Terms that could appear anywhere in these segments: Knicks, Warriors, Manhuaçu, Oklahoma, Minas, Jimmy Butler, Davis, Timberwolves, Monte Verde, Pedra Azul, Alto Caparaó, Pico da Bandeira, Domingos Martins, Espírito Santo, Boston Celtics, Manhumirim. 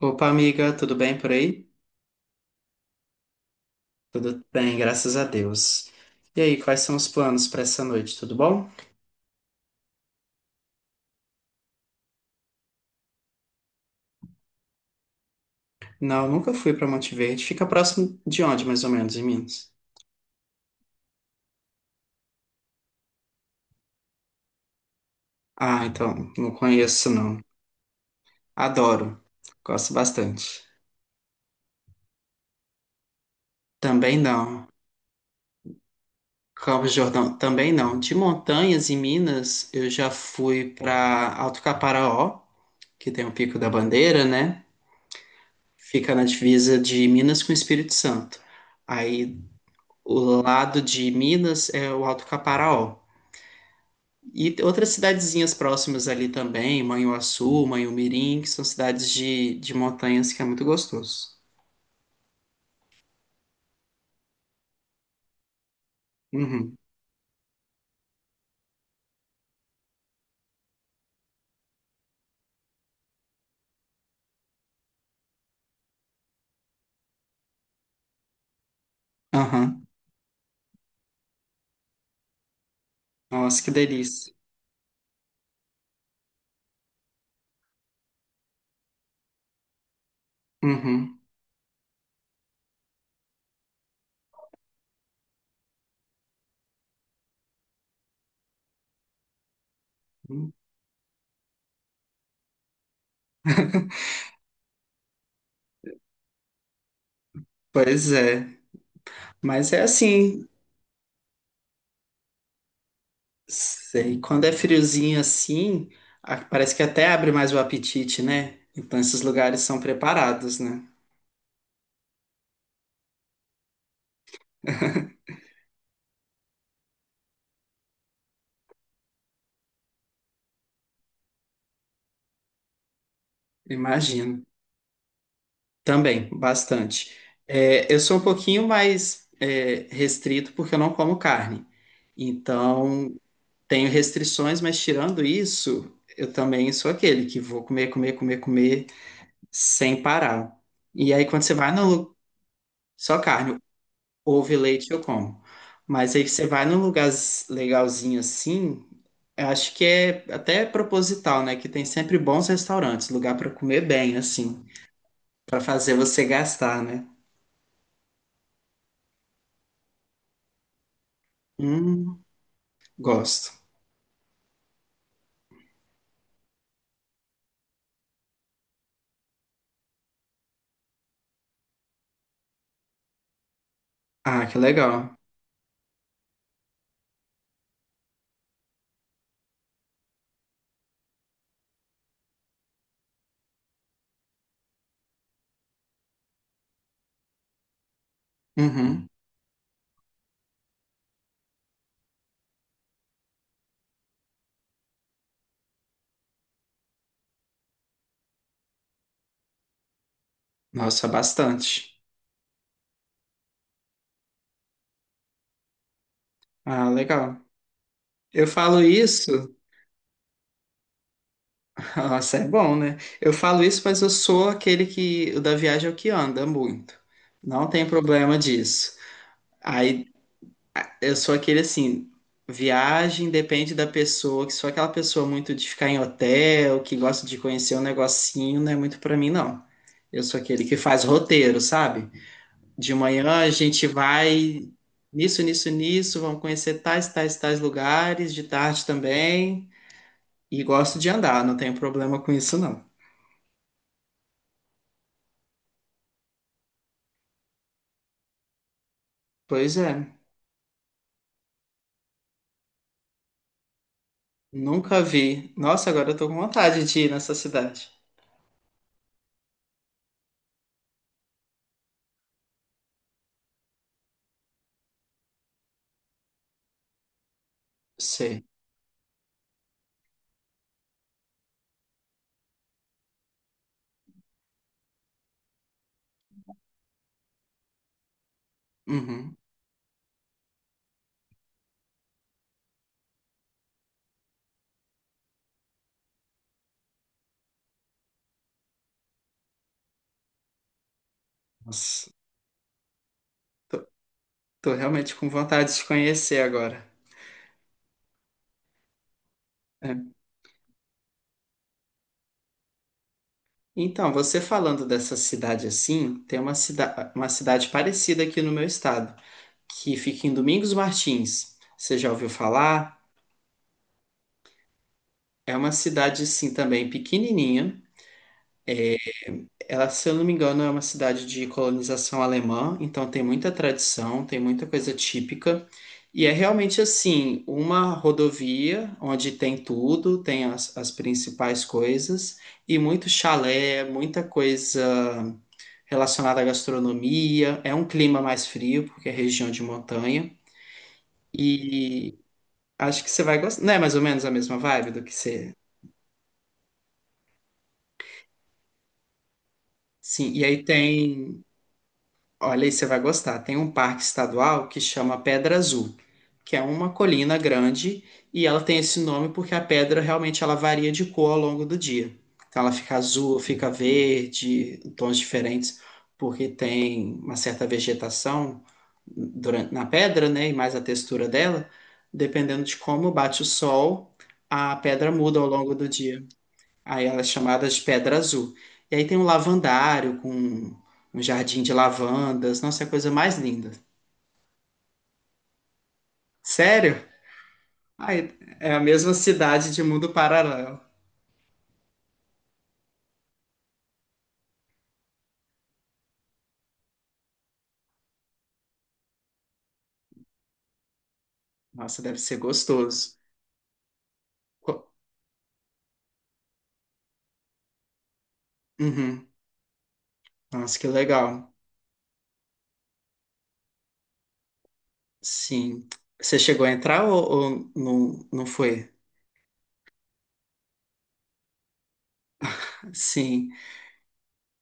Opa, amiga, tudo bem por aí? Tudo bem, graças a Deus. E aí, quais são os planos para essa noite? Tudo bom? Não, nunca fui para Monte Verde. Fica próximo de onde, mais ou menos, em Minas? Ah, então, não conheço, não. Adoro. Gosto bastante. Também não. Campos do Jordão, também não. De montanhas em Minas, eu já fui para Alto Caparaó, que tem o Pico da Bandeira, né? Fica na divisa de Minas com o Espírito Santo. Aí. O lado de Minas é o Alto Caparaó. E outras cidadezinhas próximas ali também, Manhuaçu, Manhumirim, que são cidades de montanhas que é muito gostoso. Uhum. Aham. Nossa, que delícia. Uhum. Pois é. Mas é assim, sei, quando é friozinho assim, parece que até abre mais o apetite, né? Então esses lugares são preparados, né? Imagino. Também, bastante. É, eu sou um pouquinho mais restrito porque eu não como carne. Então, tenho restrições, mas tirando isso, eu também sou aquele que vou comer, comer, comer, comer sem parar. E aí, quando você vai no lu- Só carne, ovo e leite eu como. Mas aí que você vai num lugar legalzinho assim, eu acho que é até proposital, né? Que tem sempre bons restaurantes, lugar para comer bem, assim, para fazer você gastar, né? Hum. Gosto. Ah, que legal. Uhum. Nossa, bastante. Ah, legal. Eu falo isso. Nossa, é bom, né? Eu falo isso, mas eu sou aquele que. O da viagem é o que anda muito. Não tem problema disso. Aí eu sou aquele assim. Viagem depende da pessoa, que sou aquela pessoa muito de ficar em hotel, que gosta de conhecer um negocinho, não é muito pra mim, não. Eu sou aquele que faz roteiro, sabe? De manhã a gente vai nisso, nisso, nisso, vamos conhecer tais, tais, tais lugares, de tarde também. E gosto de andar, não tenho problema com isso, não. Pois é, nunca vi. Nossa, agora eu tô com vontade de ir nessa cidade. Sei. Uhum. Nossa, tô realmente com vontade de conhecer agora. É. Então, você falando dessa cidade assim, tem uma, cida uma cidade parecida aqui no meu estado, que fica em Domingos Martins. Você já ouviu falar? É uma cidade, assim, também pequenininha. Ela, se eu não me engano, é uma cidade de colonização alemã, então tem muita tradição, tem muita coisa típica. E é realmente, assim, uma rodovia onde tem tudo, tem as principais coisas, e muito chalé, muita coisa relacionada à gastronomia. É um clima mais frio, porque é região de montanha. E acho que você vai gostar. Não é mais ou menos a mesma vibe do que você. Sim, e aí tem. Olha aí, você vai gostar. Tem um parque estadual que chama Pedra Azul, que é uma colina grande e ela tem esse nome porque a pedra realmente ela varia de cor ao longo do dia. Então ela fica azul, fica verde, tons diferentes, porque tem uma certa vegetação durante, na pedra, né? E mais a textura dela, dependendo de como bate o sol, a pedra muda ao longo do dia. Aí ela é chamada de Pedra Azul. E aí tem um lavandário com um jardim de lavandas. Nossa, é a coisa mais linda. Sério? Ai, é a mesma cidade de mundo paralelo. Nossa, deve ser gostoso. Co- Uhum. Nossa, que legal. Sim. Você chegou a entrar ou não, não foi? Sim.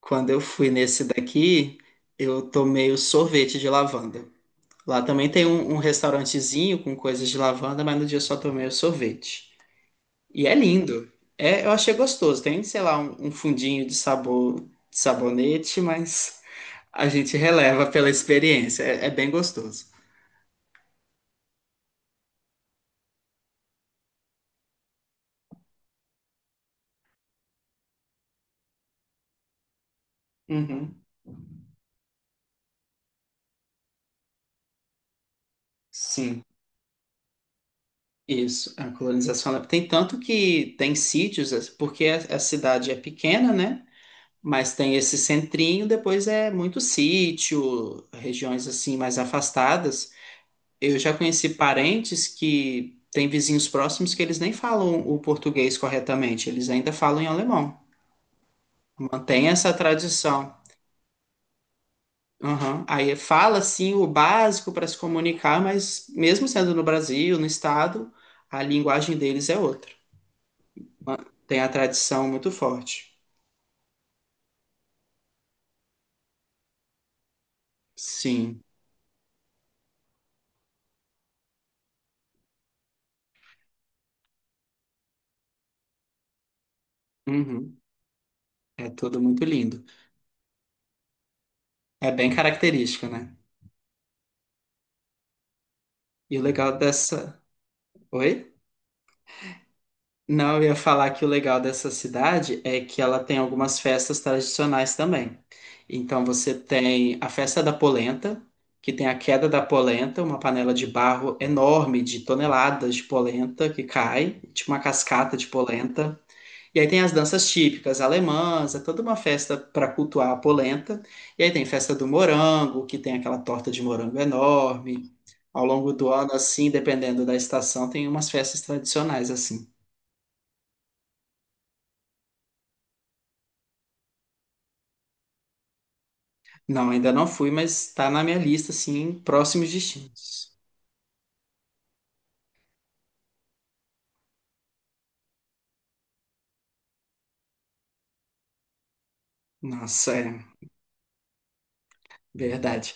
Quando eu fui nesse daqui, eu tomei o sorvete de lavanda. Lá também tem um restaurantezinho com coisas de lavanda, mas no dia eu só tomei o sorvete. E é lindo. É, eu achei gostoso. Tem, sei lá, um fundinho de sabor, de sabonete, mas a gente releva pela experiência. É, é bem gostoso. Uhum. Sim, isso. Tem tanto que tem sítios, porque a cidade é pequena, né? Mas tem esse centrinho, depois é muito sítio, regiões assim mais afastadas. Eu já conheci parentes que têm vizinhos próximos que eles nem falam o português corretamente, eles ainda falam em alemão. Mantém essa tradição. Aham. Aí fala sim o básico para se comunicar, mas mesmo sendo no Brasil, no estado, a linguagem deles é outra. Ma- Tem a tradição muito forte. Sim. Uhum. É tudo muito lindo. É bem característica, né? E o legal dessa. Oi? Não, eu ia falar que o legal dessa cidade é que ela tem algumas festas tradicionais também. Então você tem a festa da polenta, que tem a queda da polenta, uma panela de barro enorme de toneladas de polenta que cai, tipo uma cascata de polenta. E aí tem as danças típicas alemãs, é toda uma festa para cultuar a polenta. E aí tem festa do morango, que tem aquela torta de morango enorme. Ao longo do ano, assim, dependendo da estação, tem umas festas tradicionais assim. Não, ainda não fui, mas tá na minha lista, assim, próximos destinos. Nossa, é verdade.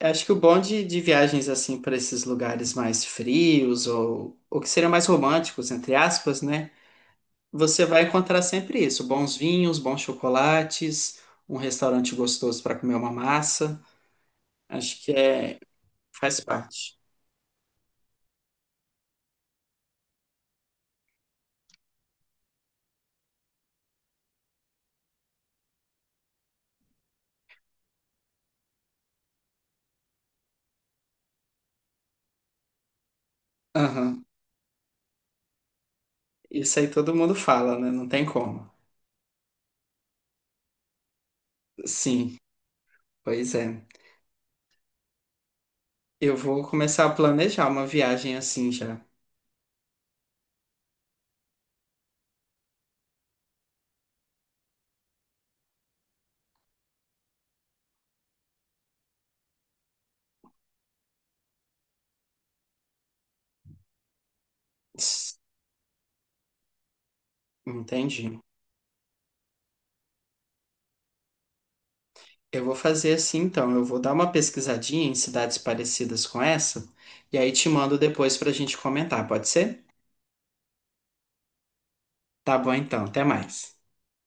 Acho que o bom de viagens, assim, para esses lugares mais frios ou que seriam mais românticos, entre aspas, né? Você vai encontrar sempre isso: bons vinhos, bons chocolates, um restaurante gostoso para comer uma massa. Acho que é, faz parte. Aham. Isso aí todo mundo fala, né? Não tem como. Sim, pois é. Eu vou começar a planejar uma viagem assim já. Entendi. Eu vou fazer assim então. Eu vou dar uma pesquisadinha em cidades parecidas com essa e aí te mando depois para a gente comentar, pode ser? Tá bom então, até mais.